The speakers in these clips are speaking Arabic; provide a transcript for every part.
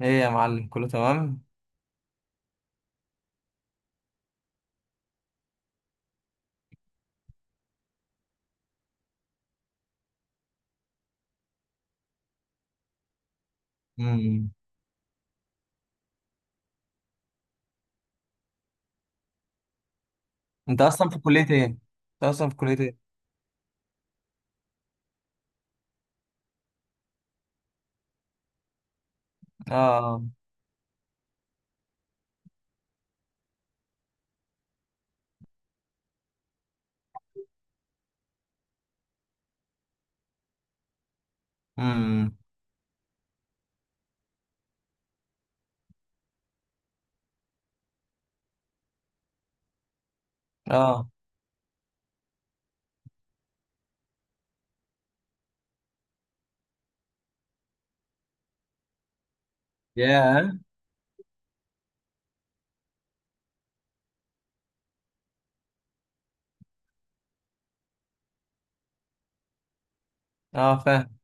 ايه يا معلم، كله تمام. امم. انت اصلا في كلية ايه؟ اه. امم. اه. ياه. اه، فاهم.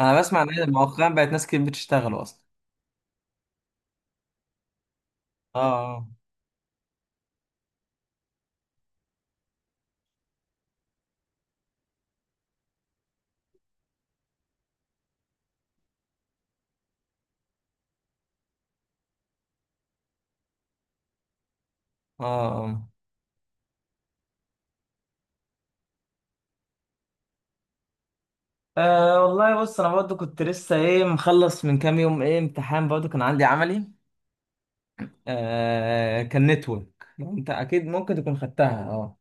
انا بسمع ان مؤخرا بقت ناس كتير بتشتغل اصلا. اه. اه. اه. والله بص، انا برضو كنت لسه ايه مخلص من كام يوم، ايه امتحان برضو كان عندي عملي. كان نتورك، انت اكيد ممكن تكون خدتها. اه.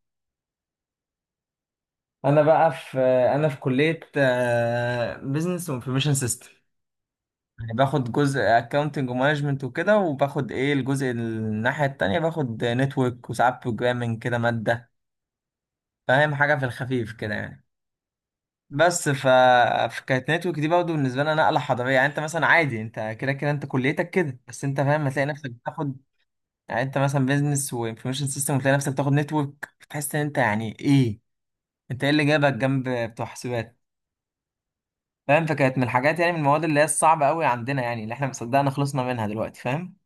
انا بقى في انا في كلية بزنس وانفورميشن سيستم. يعني باخد جزء اكاونتنج ومانجمنت وكده، وباخد ايه الجزء الناحية التانية، باخد نتورك وساعات بروجرامنج كده مادة. فاهم، حاجة في الخفيف كده يعني. بس ف... فكانت نتورك دي برضه بالنسبة لنا نقلة حضارية. يعني انت مثلا عادي، انت كده كده انت كليتك كده، بس انت فاهم هتلاقي نفسك بتاخد. يعني انت مثلا بيزنس وانفورميشن سيستم، وتلاقي نفسك بتاخد نتورك، بتحس ان انت يعني ايه، انت ايه اللي جابك جنب بتوع حسابات؟ فاهم. فكانت من الحاجات، يعني من المواد اللي هي الصعبة قوي عندنا، يعني اللي احنا مصدقنا خلصنا منها دلوقتي، فاهم.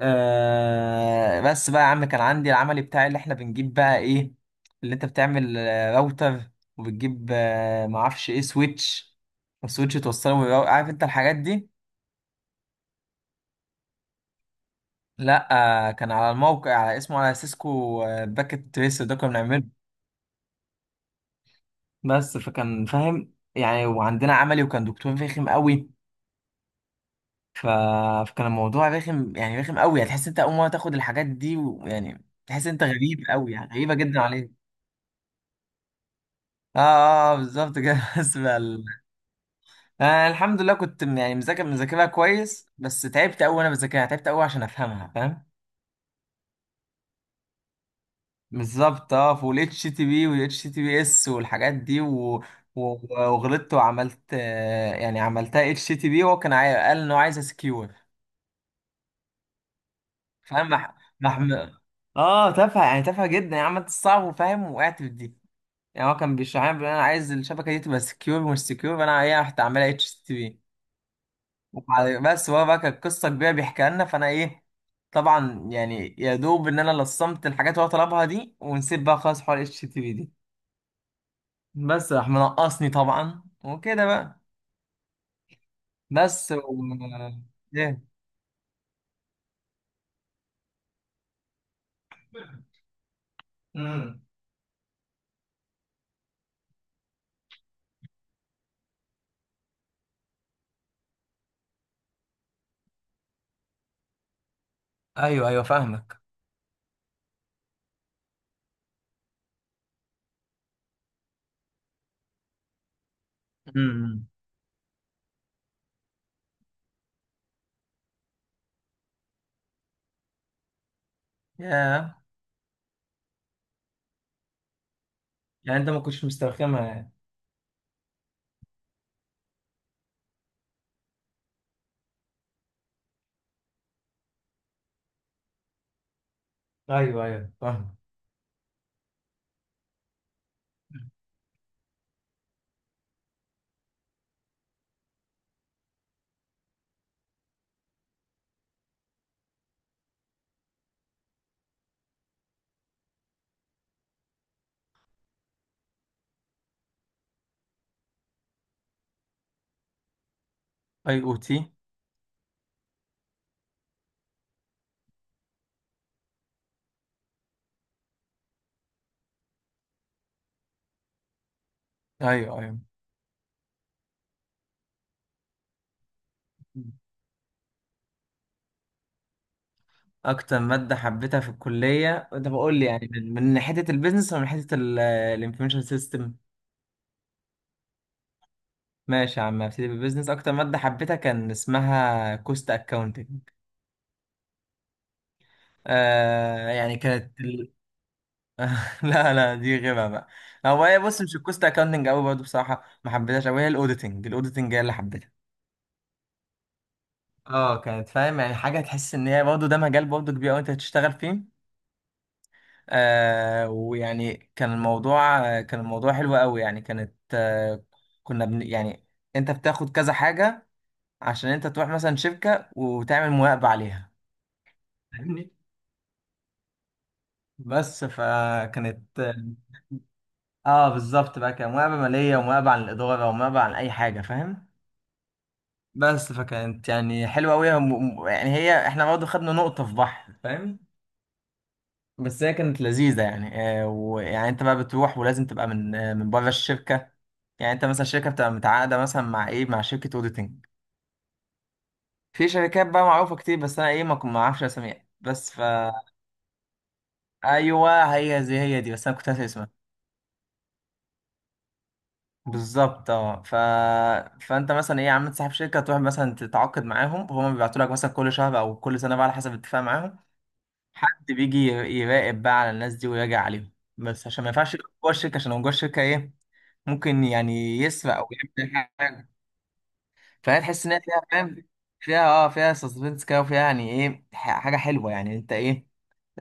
آه، بس بقى يا عم كان عندي العملي بتاعي، اللي احنا بنجيب بقى ايه، اللي انت بتعمل راوتر، وبتجيب معرفش ايه سويتش، وسويتش توصله عارف انت الحاجات دي. لا. آه، كان على الموقع على اسمه على سيسكو، باكت تريسر ده كنا بنعمله. بس فكان فاهم يعني، وعندنا عملي وكان دكتور رخم قوي. ف... فكان الموضوع رخم، يعني رخم قوي، هتحس انت اول مره تاخد الحاجات دي، ويعني تحس انت غريب قوي، يعني غريبه جدا. اه اه، بالظبط كده. انا الحمد لله كنت يعني مذاكرها كويس، بس تعبت قوي وانا بذاكرها، تعبت قوي عشان افهمها، فاهم. بالظبط اه، في الاتش تي بي والاتش تي بي اس والحاجات دي و... وغلطت وعملت، يعني عملتها اتش تي بي، وهو كان قال انه عايز سكيور. فاهم. مح... اه تافهه، يعني تافهه جدا، يعني عملت الصعب وفاهم، وقعت في دي. يعني هو كان بيشرح لي بيقول انا عايز الشبكه دي تبقى سكيور مش سكيور، فانا ايه رحت اعملها اتش تي بي. بس هو بقى كانت قصه كبيره بيحكيها لنا، فانا ايه، طبعا يعني يا دوب ان انا لصمت الحاجات اللي هو طلبها دي، ونسيت بقى خلاص حوار اتش تي في دي. بس راح منقصني طبعا وكده بقى. بس و... ايه. امم. ايوه ايوه، فاهمك. امم. ياه. يعني انت ما كنتش مسترخمها يعني. ايوه ايوه، فاهم. اي او تي. ايوه ايوه. مم. اكتر ماده حبيتها في الكليه؟ انت بقول لي يعني من من ناحيه البيزنس، ولا من ناحيه الانفورميشن سيستم. ماشي يا عم، ابتدي بالبيزنس. اكتر ماده حبيتها كان اسمها كوست اكاونتنج. آه يعني كانت ال... لا لا، دي غيبه بقى. هو هي بص، مش الكوست اكاونتنج قوي برضه بصراحه، ما حبيتهاش قوي. هي الاوديتنج، الاوديتنج هي اللي حبيتها. اه، كانت فاهم يعني، حاجه تحس ان هي برضه ده مجال برضه كبير قوي انت هتشتغل فيه. آه، ويعني كان الموضوع، كان الموضوع حلو قوي يعني. كانت آه، يعني انت بتاخد كذا حاجه عشان انت تروح مثلا شركه وتعمل مراقبه عليها. بس فكانت، اه بالظبط بقى، كان مقابلة مالية، ومقابلة عن الإدارة، ومقابلة عن أي حاجة، فاهم. بس فكانت يعني حلوة أوي، يعني هي احنا برضه خدنا نقطة في بحر، فاهم. بس هي كانت لذيذة يعني. آه، ويعني أنت بقى بتروح، ولازم تبقى من من بره الشركة. يعني أنت مثلا الشركة بتبقى متعاقدة مثلا مع إيه، مع شركة أوديتنج. في شركات بقى معروفة كتير، بس أنا إيه ما أعرفش أساميها. بس فا، أيوه هي زي هي دي، بس أنا كنت هسأل اسمها. بالظبط اه، فانت مثلا ايه يا عم، صاحب شركه تروح مثلا تتعاقد معاهم، هما بيبعتوا لك مثلا كل شهر او كل سنه بقى على حسب الاتفاق معاهم. حد بيجي يراقب بقى على الناس دي، ويراجع عليهم. بس عشان ما ينفعش يبقى جوه الشركه، عشان لو جوه الشركه ايه، ممكن يعني يسرق، او يعمل حاجه. فهي تحس ان هي فيها، فاهم، فيها اه، فيها سسبنس كده، وفيها يعني ايه حاجه حلوه، يعني انت ايه،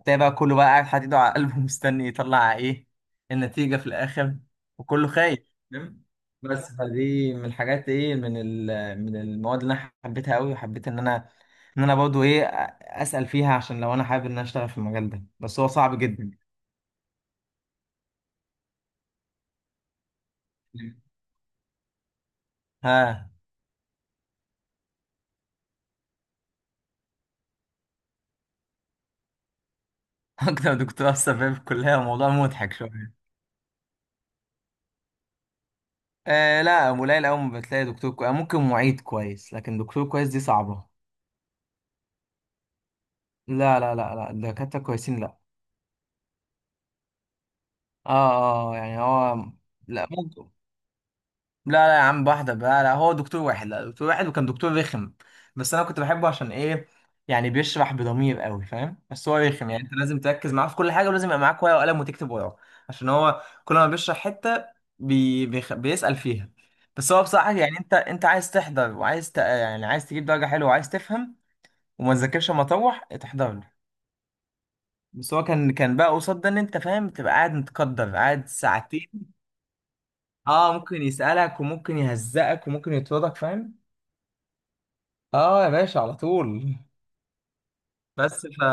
تلاقي بقى كله بقى قاعد حاطط ايده على قلبه، مستني يطلع ايه النتيجه في الاخر. وكله خايف، فاهم. بس فدي من الحاجات ايه، من من المواد اللي انا حبيتها قوي، وحبيت ان انا، ان انا برضه ايه، اسال فيها عشان لو انا حابب ان انا اشتغل في المجال ده، بس هو صعب جدا. ها. اكتر دكتور اثر فيا في الكليه موضوع مضحك شويه. آه لا، قليل قوي ما بتلاقي دكتور كويس، ممكن معيد كويس، لكن دكتور كويس دي صعبة. لا لا لا لا، الدكاترة كويسين، لا. اه اه، يعني هو. لا ممكن. لا لا يا عم، واحدة، لا لا، هو دكتور واحد، لا دكتور واحد وكان دكتور رخم. بس انا كنت بحبه عشان ايه، يعني بيشرح بضمير قوي، فاهم. بس هو رخم، يعني انت لازم تركز معاه في كل حاجة، ولازم يبقى معاك ورقة وقلم، وتكتب وراه. عشان هو كل ما بيشرح حتة، بيسأل فيها. بس هو بصراحة يعني، انت عايز تحضر، وعايز يعني عايز تجيب درجة حلوة، وعايز تفهم. وما تذاكرش اما اطوح تحضر لي. بس هو كان، كان بقى قصاد ده ان انت فاهم تبقى قاعد متقدر، قاعد ساعتين. اه، ممكن يسألك، وممكن يهزقك، وممكن يطردك، فاهم. اه يا باشا، على طول. بس ف...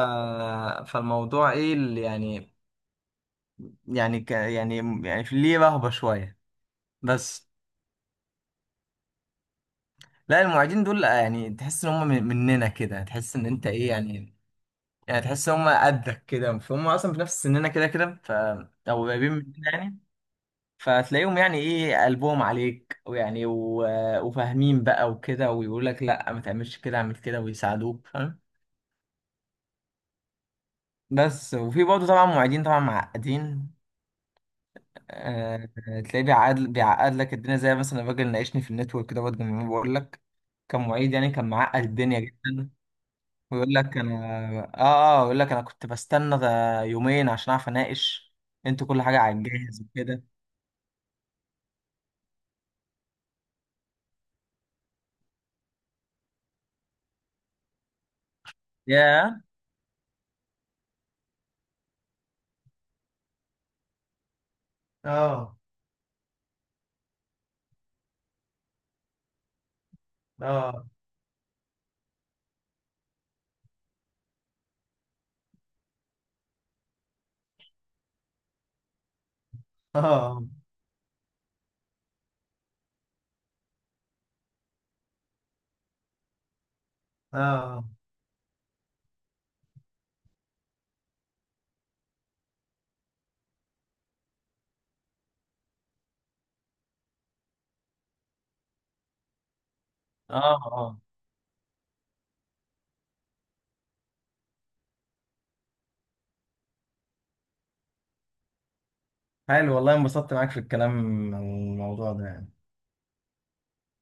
فالموضوع ايه اللي يعني، يعني، يعني في ليه رهبة شوية. بس. لا المعيدين دول يعني تحس ان هم مننا كده، تحس ان انت ايه يعني، يعني تحس ان هم قدك كده، فهم اصلا في نفس سننا كده كده ف، او قريبين مننا يعني. فتلاقيهم يعني ايه، قلبهم عليك، ويعني وفاهمين بقى وكده، ويقول لك لا ما تعملش كده، اعمل كده، ويساعدوك، فاهم. بس، وفي برضه طبعا معيدين، طبعا معقدين. أه تلاقيه بيعقد، بيعقد لك الدنيا، زي مثلا الراجل ناقشني في النتورك ده برضه من يومين، بقول لك كان معيد، يعني كان معقد الدنيا جدا. ويقول لك انا، اه اه يقول لك انا كنت بستنى ده يومين عشان اعرف اناقش، انتوا كل حاجه على الجاهز وكده. يا. اه اه اه اه اه اه. حلو والله، انبسطت معاك في الكلام عن الموضوع ده يعني.